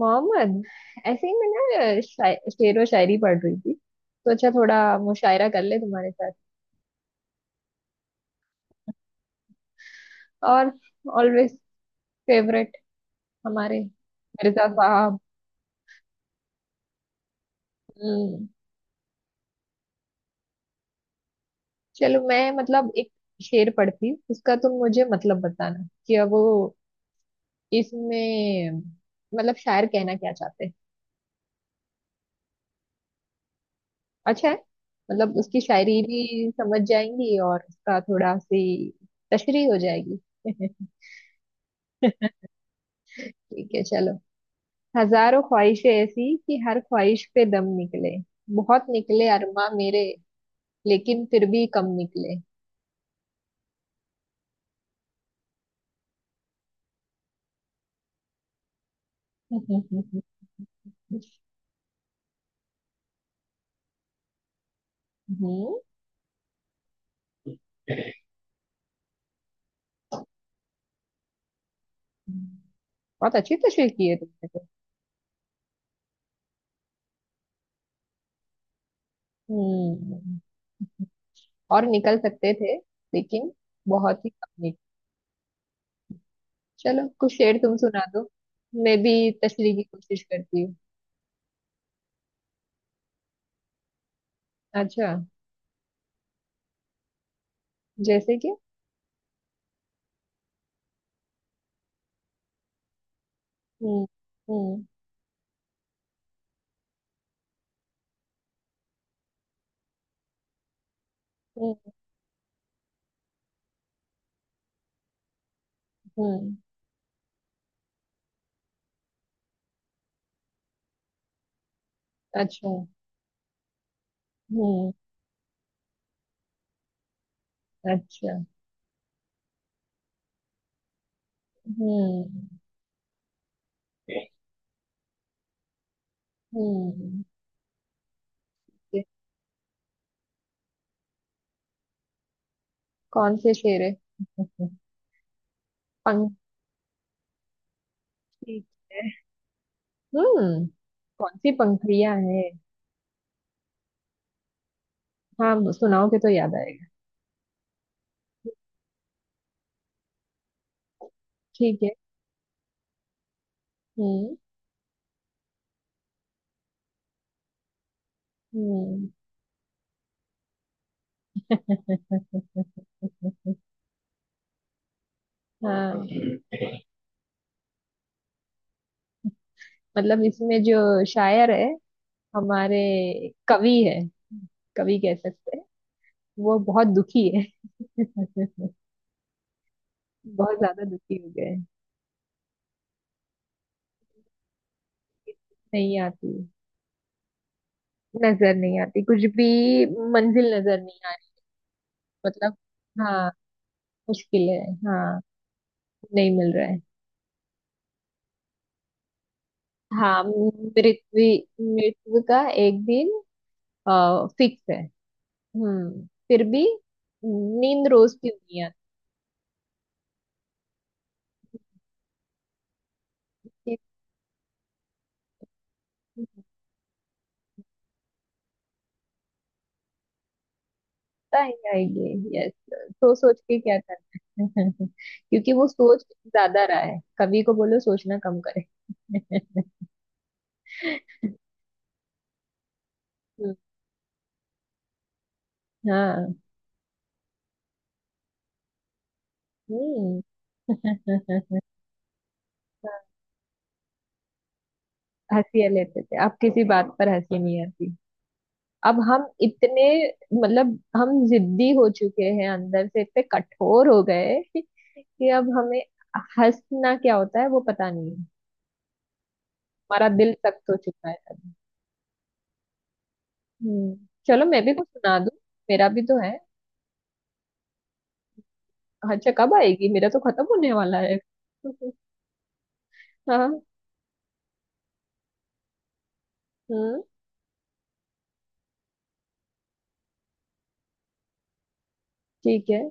मोहम्मद, ऐसे ही मैं शेर व शायरी पढ़ रही थी। सोचा थोड़ा मुशायरा कर ले तुम्हारे साथ। और ऑलवेज फेवरेट हमारे मिर्जा साहब। हम्म। चलो, मैं मतलब एक शेर पढ़ती हूँ, उसका तुम मुझे मतलब बताना कि अब वो इसमें मतलब शायर कहना क्या चाहते हैं। अच्छा है, मतलब उसकी शायरी भी समझ जाएंगी और उसका थोड़ा सी तशरीह हो जाएगी। ठीक है चलो। हजारों ख्वाहिशें ऐसी कि हर ख्वाहिश पे दम निकले, बहुत निकले अरमा मेरे, लेकिन फिर भी कम निकले। हम्म बहुत अच्छी तशरीह की है तुमने तो। हम्म, और निकल सकते थे, लेकिन बहुत ही कम निकले। चलो कुछ शेर तुम सुना दो, मैं भी तशरीह की कोशिश करती हूँ। अच्छा, जैसे कि। हम्म। हम्म हम्म हम्म अच्छा। हम्म। अच्छा। हम्म हम्म। कौन से शेर? पंखी। हम्म। कौन सी पंखुड़ियां है? हाँ, सुनाओगे तो याद आएगा। ठीक है। हम्म। हम्म। हाँ, मतलब इसमें जो शायर है, हमारे कवि है, कवि कह सकते हैं, वो बहुत दुखी है। बहुत ज्यादा दुखी हो गए हैं। नहीं आती, नजर नहीं आती कुछ भी, मंजिल नजर नहीं आ रही। मतलब हाँ, मुश्किल है। हाँ, नहीं मिल रहा है। हाँ, मृत्यु मृत्यु का एक दिन फिक्स है। फिर भी नींद रोज की दुनिया। चिंता ही आएगी, यस। तो सोच के क्या करना है? क्योंकि वो सोच ज्यादा रहा है, कवि को बोलो सोचना कम करे। हम्म। हाँ। हम्म। हंसी लेते थे, अब किसी बात पर हंसी नहीं आती। अब हम इतने मतलब हम जिद्दी हो चुके हैं, अंदर से इतने कठोर हो गए कि अब हमें हंसना क्या होता है वो पता नहीं है। हमारा दिल सख्त हो चुका है। हम्म। चलो मैं भी कुछ सुना दूं, मेरा भी तो है। अच्छा, कब आएगी? मेरा तो खत्म होने वाला है। हाँ। हम्म। ठीक है।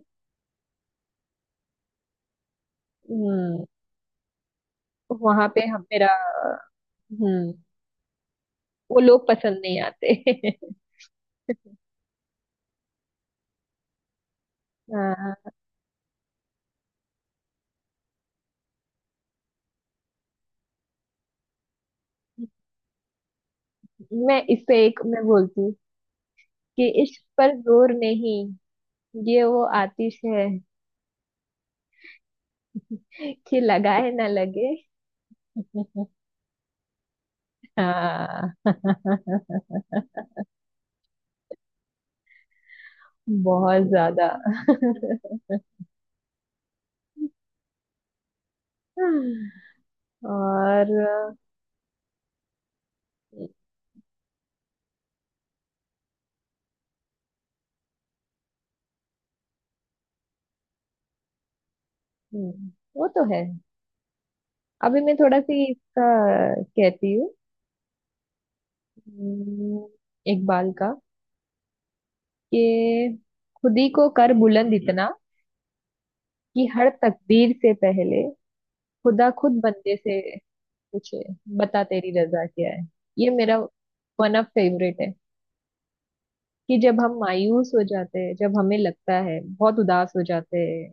हम्म वहां पे हम मेरा। हम्म, वो लोग पसंद नहीं आते। हाँ, मैं इस पे एक मैं बोलती हूँ कि इश्क पर जोर नहीं, ये वो आतिश है कि लगाए ना लगे। हाँ। बहुत ज्यादा। और। हम्म, वो तो है। अभी मैं थोड़ा सी इसका कहती हूँ। हम्म, इकबाल का। कि खुद ही को कर बुलंद इतना कि हर तकदीर से पहले खुदा खुद बंदे से पूछे, बता तेरी रजा क्या है। ये मेरा वन ऑफ फेवरेट है। कि जब हम मायूस हो जाते हैं, जब हमें लगता है, बहुत उदास हो जाते हैं,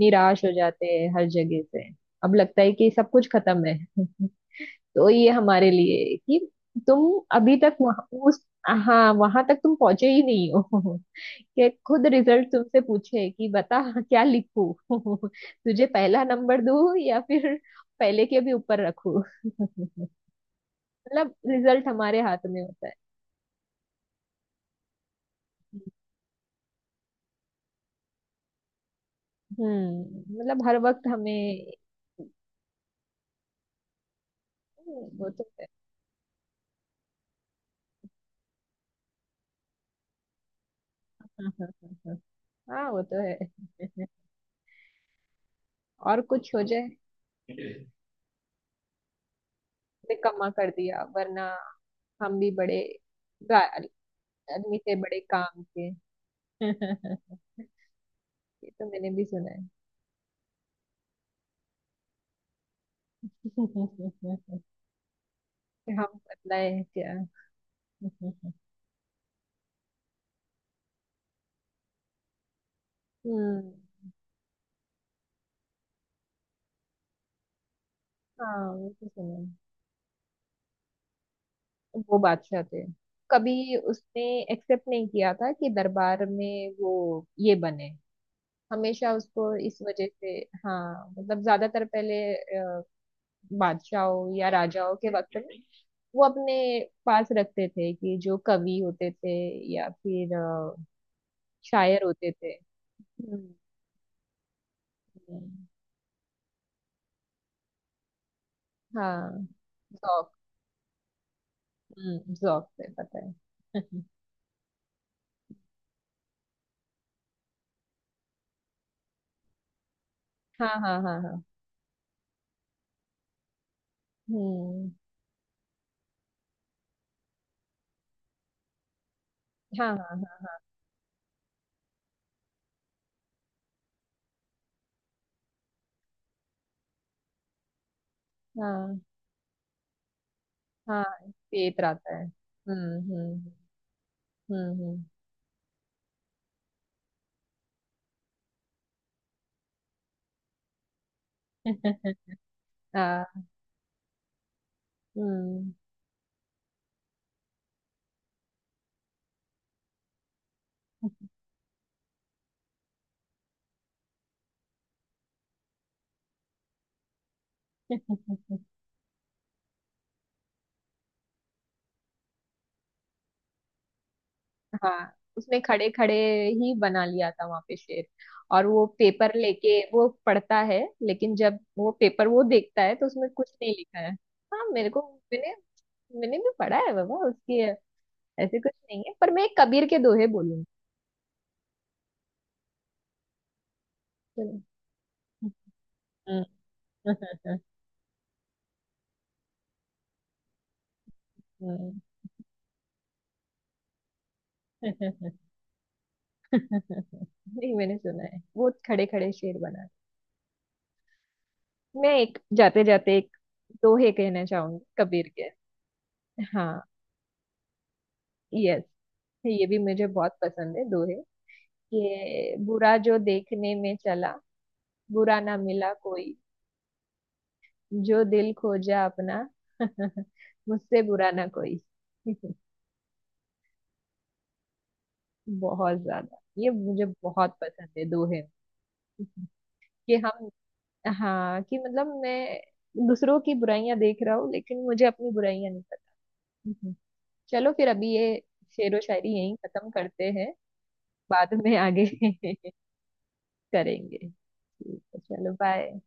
निराश हो जाते हैं हर जगह से, अब लगता है कि सब कुछ खत्म है। तो ये हमारे लिए है कि तुम अभी तक वहाँ उस, हाँ वहां तक तुम पहुंचे ही नहीं हो। कि खुद रिजल्ट तुमसे पूछे कि बता क्या लिखूं, तुझे पहला नंबर दूं या फिर पहले के भी ऊपर रखूं। मतलब रिजल्ट हमारे हाथ में होता है। हम्म, मतलब हर वक्त हमें। वो तो है। हाँ। हाँ, वो तो है। और कुछ हो जाए। निकम्मा कर दिया वरना हम भी बड़े गा- आदमी थे बड़े काम के। ये तो मैंने भी सुना है। कि हम बदलाए हैं क्या। हम्म। हाँ, वो तो सुना है। वो बादशाह थे। कभी उसने एक्सेप्ट नहीं किया था कि दरबार में वो ये बने, हमेशा उसको इस वजह से। हाँ, मतलब ज्यादातर पहले बादशाहों या राजाओं के वक्त में वो अपने पास रखते थे कि जो कवि होते थे या फिर शायर होते थे। हम्म। हम्म। हाँ, जौक। हम्म, जौक से पता है। हाँ हाँ हाँ हाँ। हम्म। हाँ हाँ हाँ हाँ। पेट रहता है। हम्म। हम्म। हाँ। हम्म। हाँ, उसने खड़े खड़े ही बना लिया था वहां पे शेर, और वो पेपर लेके वो पढ़ता है, लेकिन जब वो पेपर वो देखता है तो उसमें कुछ नहीं लिखा है। हाँ मेरे को। मैंने मैंने भी पढ़ा है बाबा उसकी। ऐसे कुछ नहीं है, पर मैं कबीर के दोहे बोलूंगी। चलो। हम्म। हम्म। नहीं, मैंने सुना है वो खड़े खड़े शेर बना है। मैं एक जाते जाते एक दोहे कहना चाहूंगी कबीर के। हाँ, यस। ये भी मुझे बहुत पसंद है दोहे। ये बुरा जो देखने में चला, बुरा ना मिला कोई। जो दिल खोजा अपना, मुझसे बुरा ना कोई। बहुत ज्यादा, ये मुझे बहुत पसंद है दोहे में। कि हम, हाँ, कि मतलब मैं दूसरों की बुराइयां देख रहा हूँ लेकिन मुझे अपनी बुराइयां नहीं पता। चलो, फिर अभी ये शेरो शायरी यहीं खत्म करते हैं, बाद में आगे करेंगे। ठीक है, चलो बाय।